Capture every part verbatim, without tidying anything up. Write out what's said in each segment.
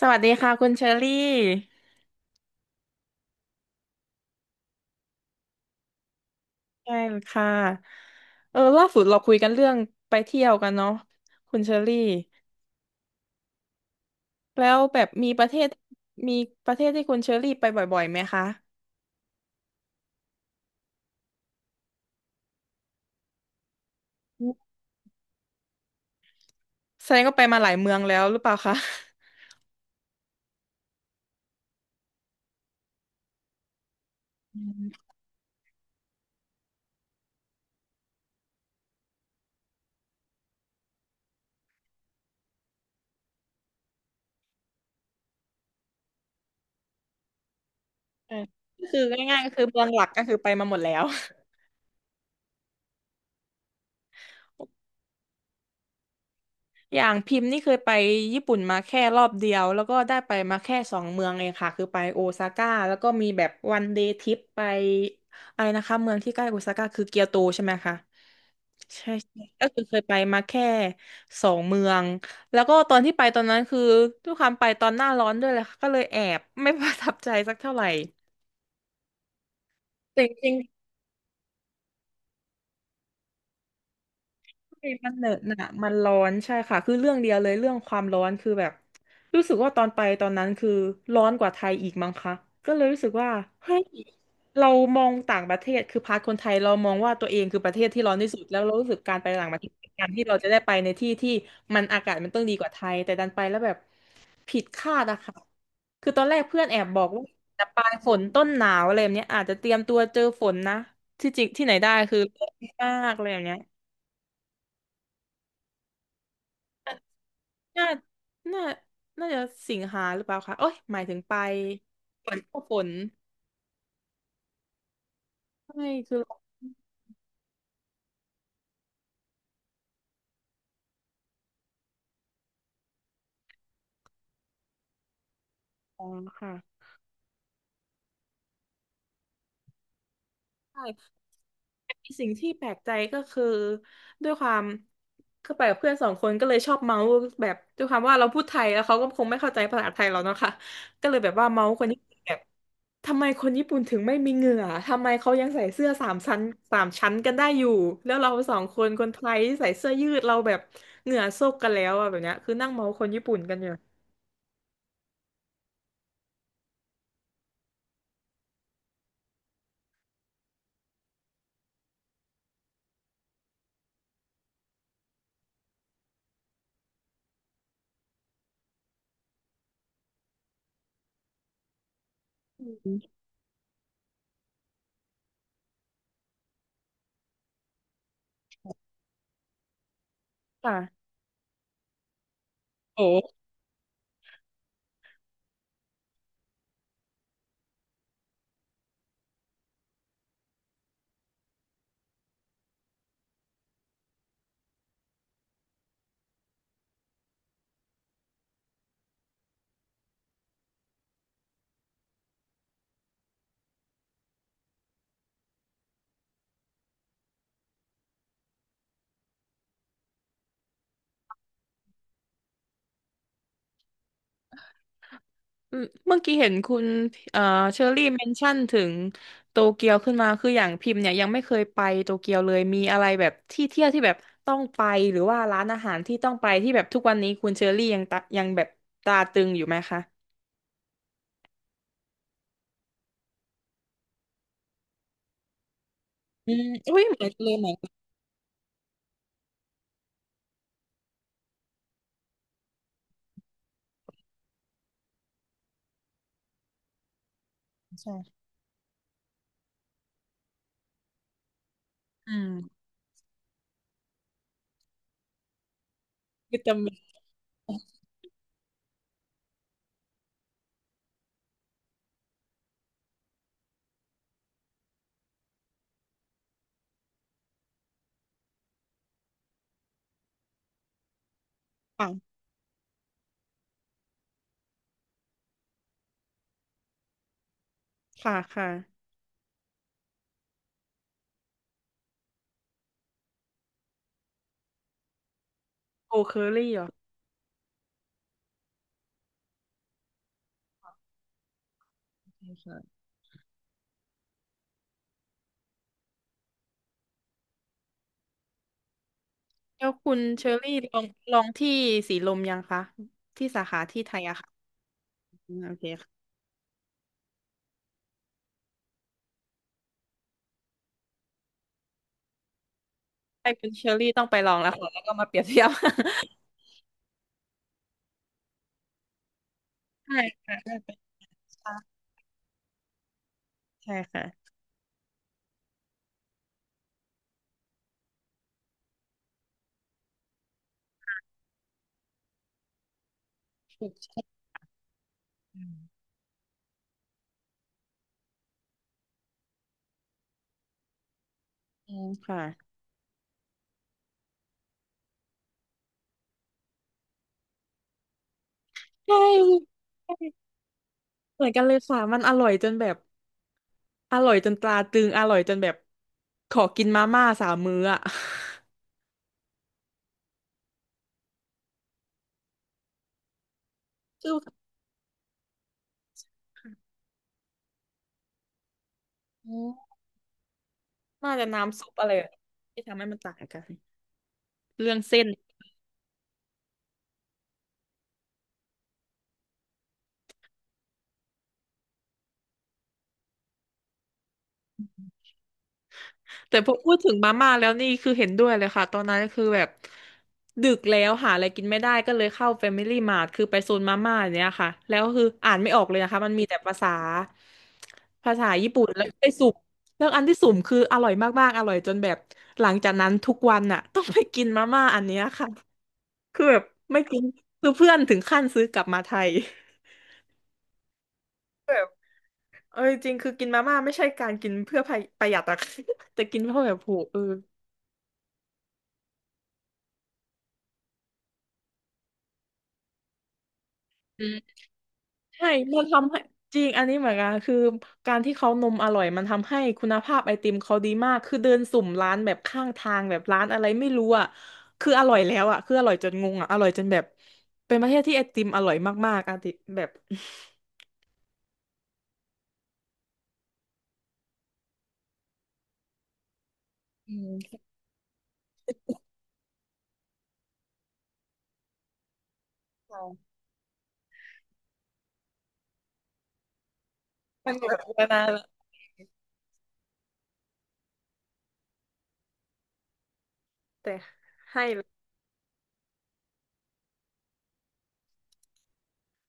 สวัสดีค่ะคุณเชอรี่ใช่ค่ะเออล่าสุดเราคุยกันเรื่องไปเที่ยวกันเนาะคุณเชอรี่แล้วแบบมีประเทศมีประเทศที่คุณเชอรี่ไปบ่อยๆไหมคะอืมแสดงก็ไปมาหลายเมืองแล้วหรือเปล่าคะอืม เออก็คือง่ายๆก็คือเมืองหลักก็คือไปมาหมดแล้ว อย่างพิมพ์นี่เคยไปญี่ปุ่นมาแค่รอบเดียวแล้วก็ได้ไปมาแค่สองเมืองเองค่ะคือไปโอซาก้าแล้วก็มีแบบวันเดย์ทริปไปอะไรนะคะเมืองที่ใกล้โอซาก้าคือเกียวโตใช่ไหมคะ ใช่ใช่ก็คือเคยไปมาแค่สองเมือง แล้วก็ตอนที่ไปตอนนั้นคือทุกครั้งไปตอนหน้าร้อนด้วยแหละค่ะก็เลยแอบไม่ ประทับใจสักเท่าไหร่จริงๆ ใช่มันเหนอะหนะมันร้อนใช่ค่ะคือเรื่องเดียวเลยเรื่องความร้อนคือแบบรู้สึกว่าตอนไปตอนนั้นคือร้อนกว่าไทยอีกมั้งคะก็เลยรู้สึกว่าเฮ้ยเรามองต่างประเทศคือพาร์ทคนไทยเรามองว่าตัวเองคือประเทศที่ร้อนที่สุดแล้วเรารู้สึกการไปต่างประเทศเป็นการที่เราจะได้ไปในที่ที่มันอากาศมันต้องดีกว่าไทยแต่ดันไปแล้วแบบผิดคาดอะค่ะคือตอนแรกเพื่อนแอบบอกว่าจะปลายฝนต้นหนาวอะไรแบบเนี้ยอาจจะเตรียมตัวเจอฝนนะที่จริงที่ไหนได้คือร้อนมากเลยแบบเนี้ย น่าน่าน่าจะสิงหาหรือเปล่าคะโอ้ย หมายถึงไปฝนก็ฝนใช่คือร้องค่ะใช่มีสิ่งที่แปลกใจก็คือ ด้วยความคือไปกับเพื่อนสองคนก็เลยชอบเมาส์แบบด้วยความว่าเราพูดไทยแล้วเขาก็คงไม่เข้าใจภาษาไทยเราเนาะค่ะก็เลยแบบว่าเมาส์คนญี่ปุ่นแบบทำไมคนญี่ปุ่นถึงไม่มีเหงื่อทำไมเขายังใส่เสื้อสามชั้นสามชั้นกันได้อยู่ แล้วเราสองคนคนไทยที่ใส่เสื้อยืดเราแบบเหงื่อโซกกันแล้วอะแบบเนี้ยคือนั่งเมาส์คนญี่ปุ่นกันอยู่ ค่ะโอ้อืมเมื่อกี้เห็นคุณเอ่อเชอรี่เมนชั่นถึงโตเกียวขึ้นมาคืออย่างพิมพ์เนี่ยยังไม่เคยไปโตเกียวเลยมีอะไรแบบที่เที่ยวที่แบบต้องไปหรือว่าร้านอาหารที่ต้องไปที่แบบทุกวันนี้คุณเชอรี่ยังตะยังแบบตราตรึงอยู่ไหมคะอืมอุ้ยเหมือนกันเลยเหมือนกันใช่อืมวิตามินปังค่ะค่ะโอเคอรี่เหรอใช่ค่ะแล้วคุณเชอรี่ลองลองที่สีลมยังคะที่สาขาที่ไทยอะค่ะอืมโอเค ใช่คุณเชอรี่ต้องไปลองแล้วค่ะแล้วก็มาเปรียบเทียบ ใช่ค่ะได้ไปนชาใช่ค่ะถูกอืมอืมค่ะใช่ใช่เหมือนกันเลยค่ะมันอร่อยจนแบบอร่อยจนตราตรึงอร่อยจนแบบขอกินมาม่าสามมื้ออ่ะ คืออืมน่าจะน้ำซุปอะไรที่ทำให้มันต่างกันเรื่องเส้น แต่พอพูดถึงมาม่าแล้วนี่คือเห็นด้วยเลยค่ะตอนนั้นคือแบบดึกแล้วหาอะไรกินไม่ได้ก็เลยเข้า Family Mart คือไปโซนมาม่าอย่างเนี้ยค่ะแล้วคืออ่านไม่ออกเลยนะคะมันมีแต่ภาษาภาษาญี่ปุ่นแล้วไปสุ่มแล้วอันที่สุ่มคืออร่อยมากๆอร่อยจนแบบหลังจากนั้นทุกวันน่ะ ต้องไปกินมาม่าอันเนี้ยค่ะคือแบบไม่กินคือเพื่อนถึงขั้นซื้อกลับมาไทยเออจริงคือกินมาม่าไม่ใช่การกินเพื่อประหยัดอะ แต่กินเพราะแบบโหเออ ใช่มันทำให้จริง อันนี้เหมือนกันคือการที่เขานมอร่อยมันทำให้คุณภาพไอติมเขาดีมากคือเดินสุ่มร้านแบบข้างทางแบบร้านอะไรไม่รู้อ่ะคืออร่อยแล้วอ่ะคืออร่อยจนงงอ่ะอร่อยจนแบบเป็นประเทศที่ไอติมอร่อยมากๆอะติแบบอืมมันแบบมานานแล้วแต่ให้เลย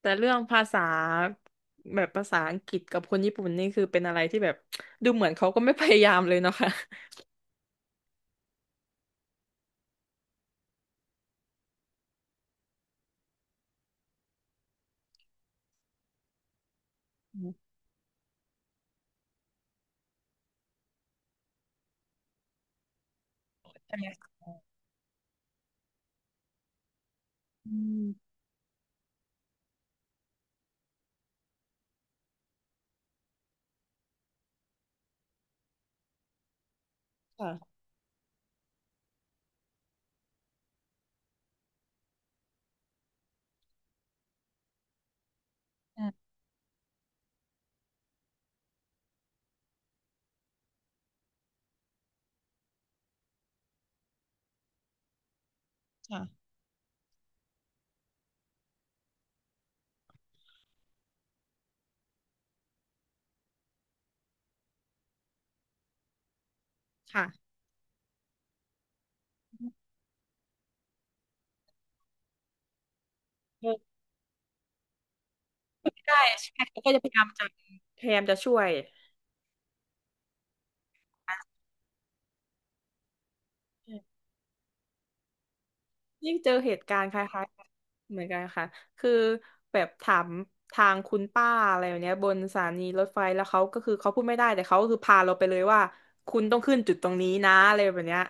แต่เรื่องภาษาแบบภาษาอังกฤษกับคนญี่ปุ่นนี่คือเป็นอะไรที่แบบดูเหมือนเขาก็ไม่พยายามเลยเนาะค่ะค่ะใช่ใช่เขาก็จะพยายามจะพยายามจะช่วย ยิ่งเจอเหตุการณ์คล้ายๆกันเหมือนกันค่ะคือแบบถามทางคุณป้าอะไรแบบเนี้ยบนสถานีรถไฟแล้วเขาก็คือเขาพูดไม่ได้แต่เขาก็คือพาเราไปเลยว่าคุณต้องขึ้นจุดตรงนี้นะอะไรแบบเนี้ย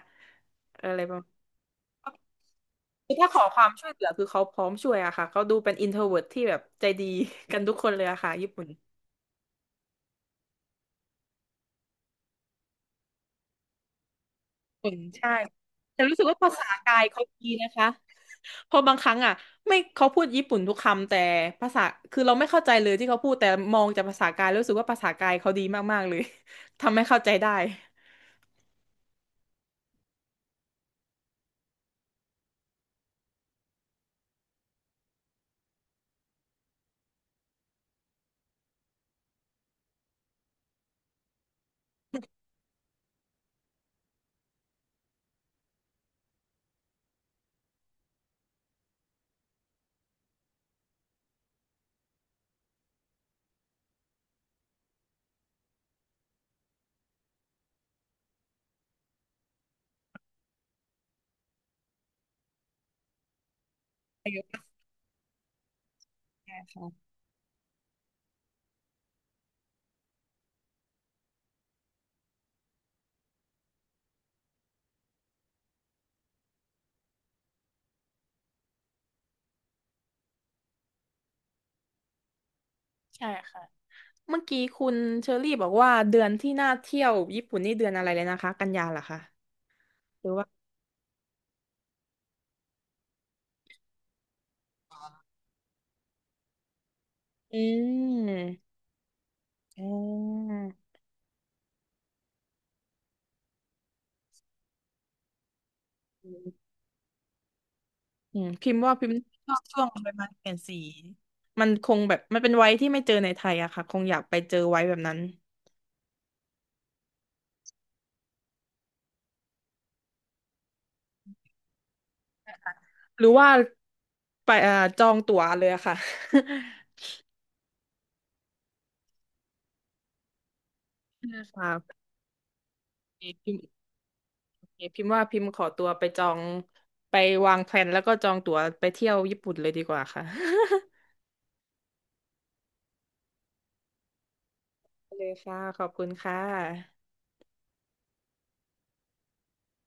อะไรประมาณคือถ้าขอความช่วยเหลือคือเขาพร้อมช่วยอะค่ะเขาดูเป็นอินโทรเวิร์ตที่แบบใจดี กันทุกคนเลยอะค่ะญี่ปุ่น ผลใช่ แต่รู้สึกว่าภาษากายเขาดีนะคะเพอบางครั้งอ่ะไม่เขาพูดญี่ปุ่นทุกคำแต่ภาษาคือเราไม่เข้าใจเลยที่เขาพูดแต่มองจากภาษากายรู้สึกว่าภาษากายเขาดีมากๆเลย ทำให้เข้าใจได้ใช่ค่ะใช่ค่ะเมื่อกี้คุณเชอรี่บอกว่าเดือนที่น่าเที่ยวญี่ปุ่นนี่เดือนอะไรเลยนะคะกันยาเหรอคะหรือว่าอืมอ่า อืมพิมพ์ว่าพิมพ์ชอบช่วงใบไม้เปลี่ยนสีมันคงแบบมันเป็นไว้ที่ไม่เจอในไทยอะค่ะคงอยากไปเจอไว้แบบนั้นหรือว่าไปเอ่อจองตั๋วเลยอะค่ะ ใช่ค่ะโอเคพิมพ์โอเคพิมพ์ว่าพิมพ์ขอตัวไปจองไปวางแผนแล้วก็จองตั๋วไปเที่ยวญี่ปุ่นเลยดีกว่าค่ะ เลยค่ะขอบคุณค่ะ